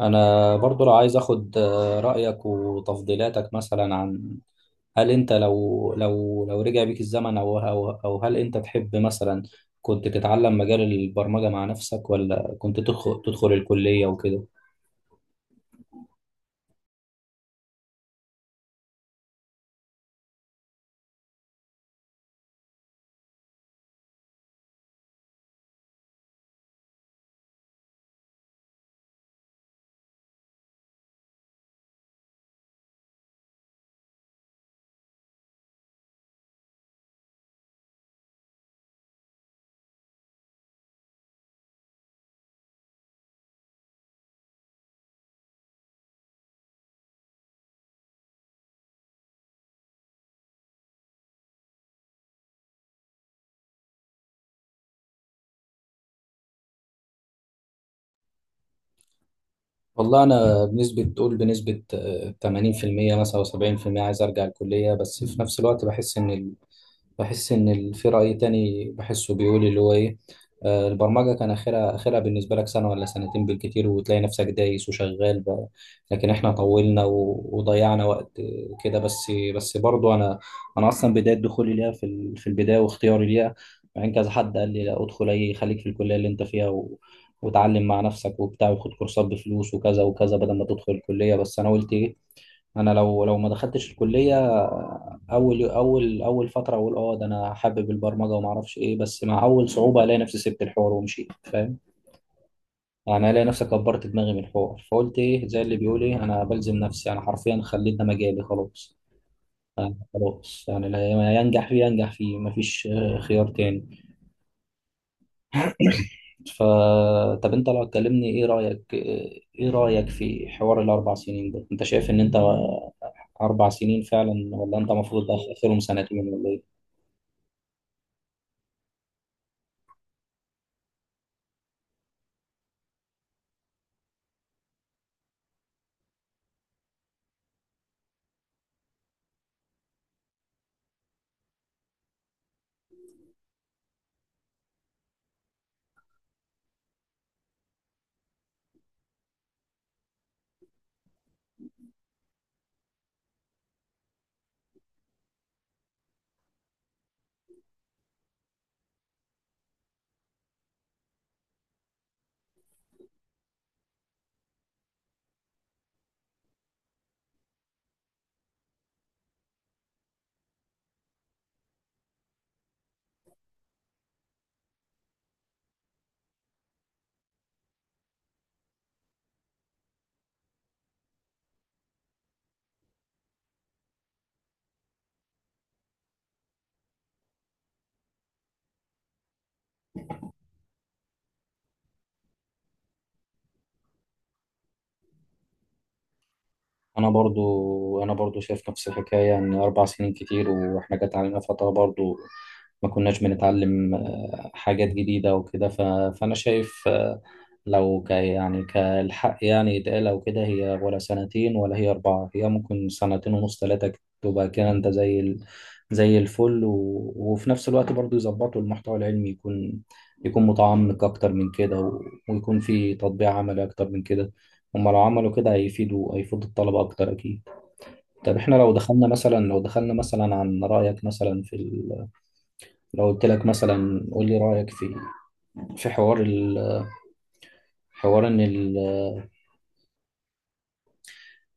انا برضو لو عايز اخد آه، رايك وتفضيلاتك مثلا عن، هل انت لو رجع بيك الزمن او هل انت تحب مثلا كنت تتعلم مجال البرمجه مع نفسك، ولا كنت تدخل الكليه وكده. والله انا بنسبه تقول بنسبه 80% مثلا او 70%، عايز ارجع الكليه، بس في نفس الوقت بحس ان، في رأي تاني بحسه بيقول اللي هو ايه، البرمجة كان اخرها بالنسبة لك سنة ولا سنتين بالكتير، وتلاقي نفسك دايس وشغال بقى. لكن احنا طولنا وضيعنا وقت كده، بس برضو انا، اصلا بداية دخولي ليها في البداية واختياري ليها، مع ان كذا حد قال لي لا ادخل، اي خليك في الكلية اللي انت فيها وتعلم مع نفسك وبتاع، وخد كورسات بفلوس وكذا وكذا بدل ما تدخل الكلية. بس انا قلت ايه، انا لو ما دخلتش الكليه، اول فتره اقول اه ده انا حابب البرمجه وما اعرفش ايه، بس مع اول صعوبه الاقي نفسي سبت الحوار ومشيت فاهم، يعني الاقي نفسي كبرت دماغي من الحوار، فقلت ايه، زي اللي بيقول ايه، انا بلزم نفسي، انا حرفيا خليت ده مجالي خلاص. خلاص، يعني اللي ينجح فيه ينجح فيه، مفيش خيار تاني. ف طب انت لو تكلمني، ايه رايك، ايه رايك في حوار ال4 سنين ده، انت شايف ان انت 4 سنين فعلا، ولا انت المفروض اخرهم سنتين ولا ايه؟ انا برضو شايف نفس الحكايه، ان 4 سنين كتير، واحنا جت علينا فتره برضو ما كناش بنتعلم حاجات جديده وكده، فانا شايف، لو يعني كالحق يعني يتقال او كده، هي ولا سنتين ولا هي اربعه، هي ممكن سنتين ونص ثلاثه، تبقى كده انت زي الفل، وفي نفس الوقت برضو يظبطوا المحتوى العلمي، يكون، يكون متعمق اكتر من كده ويكون في تطبيق عملي اكتر من كده. هما لو عملوا كده هيفيدوا الطلبة أكتر أكيد. طب إحنا لو دخلنا مثلا، لو دخلنا مثلا عن رأيك مثلا لو قلت لك مثلا قول لي رأيك في، في حوار ال... حوار إن ال...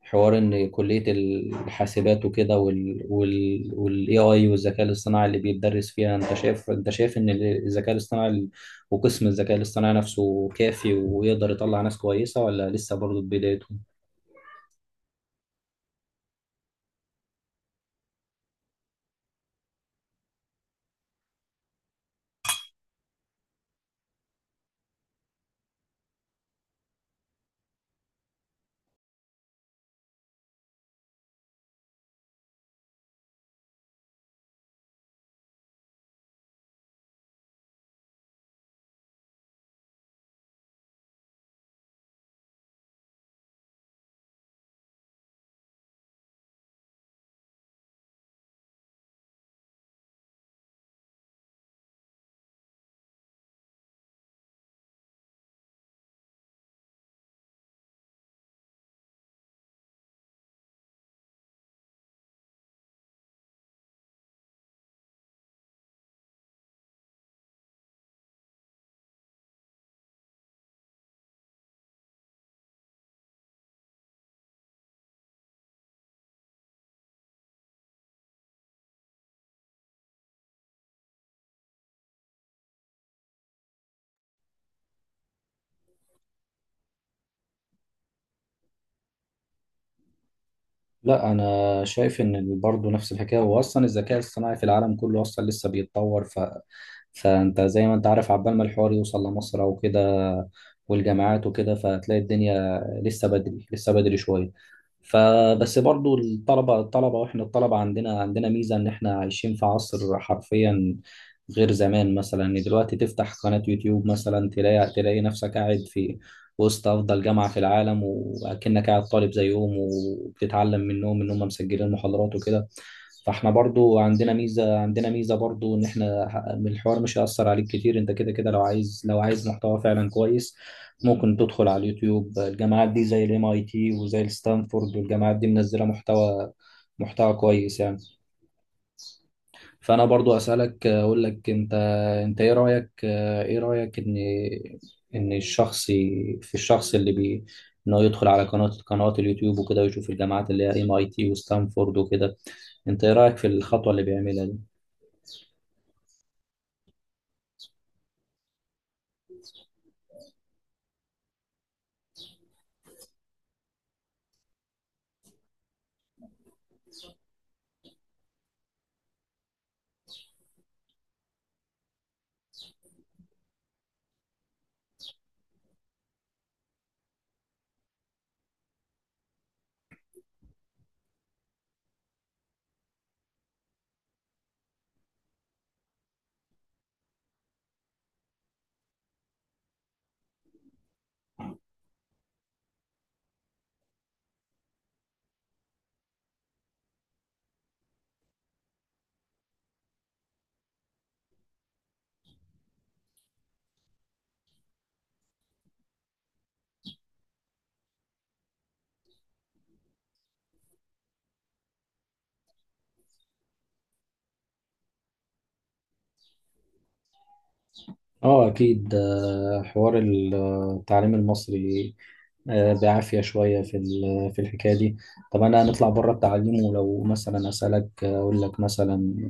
حوار إن كلية الحاسبات وكده وال AI والذكاء الاصطناعي اللي بيتدرس فيها، أنت شايف إن الذكاء الاصطناعي وقسم الذكاء الاصطناعي نفسه كافي ويقدر يطلع ناس كويسة، ولا لسه برضه في بدايته؟ لا انا شايف ان برضه نفس الحكايه، هو اصلا الذكاء الصناعي في العالم كله اصلا لسه بيتطور، فانت زي ما انت عارف عبال ما الحوار يوصل لمصر او كده والجامعات وكده، فهتلاقي الدنيا لسه بدري، لسه بدري شويه. فبس برضو الطلبة واحنا الطلبة عندنا ميزة، ان احنا عايشين في عصر حرفيا غير زمان. مثلا ان دلوقتي تفتح قناة يوتيوب مثلا، تلاقي نفسك قاعد في وسط افضل جامعة في العالم، واكنك قاعد طالب زيهم وبتتعلم منهم ان هم مسجلين محاضرات وكده. فاحنا برضو عندنا ميزة برضو، ان احنا الحوار مش هيأثر عليك كتير، انت كده كده لو عايز، لو عايز محتوى فعلا كويس، ممكن تدخل على اليوتيوب، الجامعات دي زي الام اي تي وزي الستانفورد، والجامعات دي منزله محتوى، كويس يعني. فانا برضو اسالك، اقول لك انت، ايه رايك ان، ان الشخص ي- في الشخص اللي بي انه يدخل على قنوات اليوتيوب وكده، ويشوف الجامعات اللي هي MIT وستانفورد وكده. انت ايه رايك في الخطوه اللي بيعملها دي؟ اه اكيد. حوار التعليم المصري بعافية شوية في الحكاية دي. طب أنا هنطلع بره التعليم، ولو مثلا أسألك أقول لك مثلا،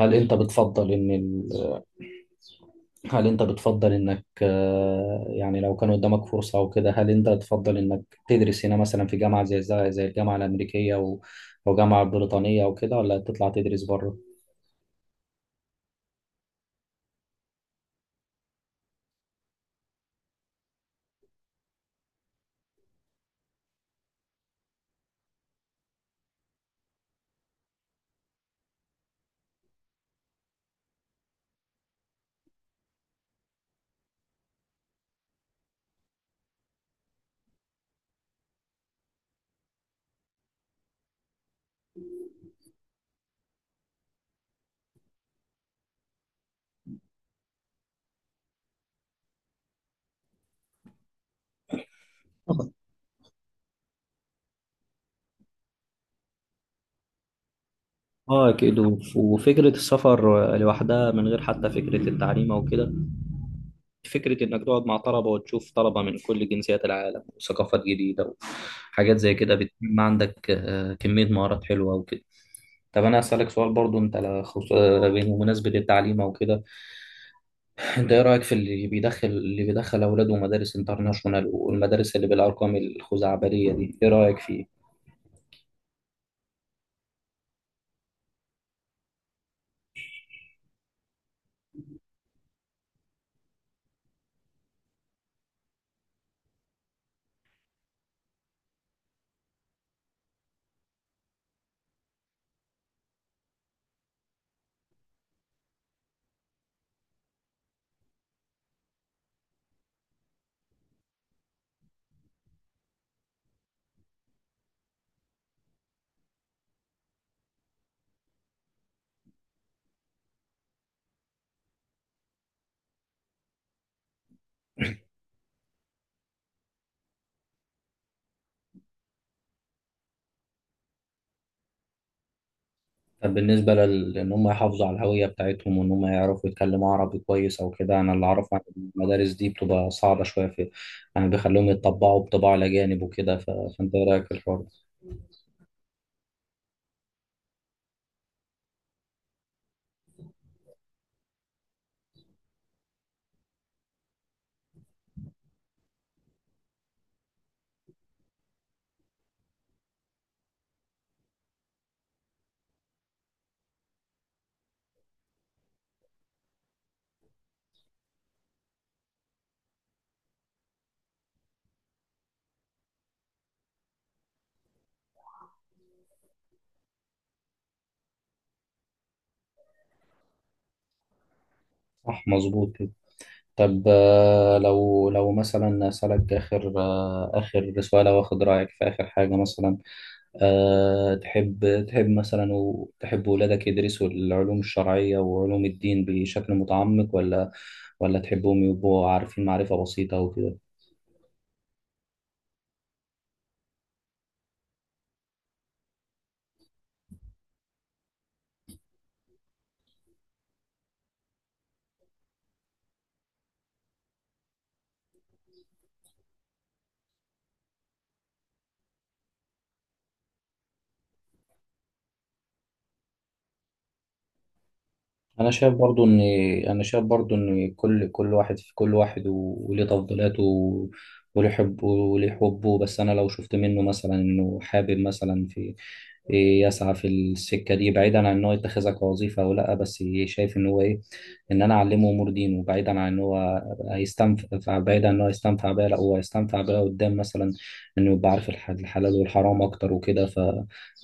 هل أنت بتفضل إن ال... هل أنت بتفضل إنك يعني لو كان قدامك فرصة أو كده، هل أنت تفضل إنك تدرس هنا مثلا في جامعة زي الجامعة الأمريكية أو جامعة بريطانية أو كده، ولا تطلع تدرس بره؟ اه اكيد. وفكره السفر لوحدها من غير حتى فكره التعليم او كده، فكرة إنك تقعد مع طلبة وتشوف طلبة من كل جنسيات العالم وثقافات جديدة وحاجات زي كده بتنمي عندك كمية مهارات حلوة وكده. طب أنا هسألك سؤال برضو، أنت على بمناسبة التعليم أو كده، أنت إيه رأيك في اللي بيدخل أولاده مدارس انترناشونال، والمدارس اللي بالأرقام الخزعبلية دي، إيه رأيك فيه؟ لأن هم يحافظوا على الهوية بتاعتهم وإن هم يعرفوا يتكلموا عربي كويس أو كده، أنا اللي أعرفه عن المدارس دي، بتبقى صعبة شوية في، يعني بيخلوهم يتطبعوا بطباع الأجانب وكده، فأنت إيه رأيك في الحوار ده؟ صح مظبوط كده. طب لو مثلا أسألك آخر آخر سؤال، أو آخد رأيك في آخر حاجة مثلا، أه تحب مثلا وتحب ولادك يدرسوا العلوم الشرعية وعلوم الدين بشكل متعمق، ولا تحبهم يبقوا عارفين معرفة بسيطة وكده؟ انا شايف برضو ان انا شايف برضو ان كل واحد وليه تفضيلاته، وليه حبه. بس انا لو شفت منه مثلا انه حابب، مثلا في إيه، يسعى في السكه دي، بعيدا عن ان هو يتخذها كوظيفه او لا، بس شايف ان هو ايه، ان انا اعلمه امور دينه، بعيدا عن ان هو هيستنفع، بعيدا عن ان هو هيستنفع بيها، لا هو هيستنفع بيها قدام مثلا، انه يبقى عارف الحلال والحرام اكتر وكده،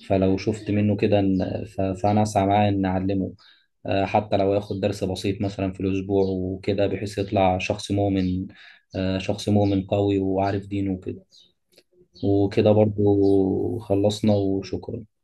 فلو شفت منه كده فانا اسعى معاه ان اعلمه، حتى لو ياخد درس بسيط مثلا في الأسبوع وكده، بحيث يطلع شخص مؤمن، شخص مؤمن قوي وعارف دينه وكده. وكده برضو خلصنا وشكرا.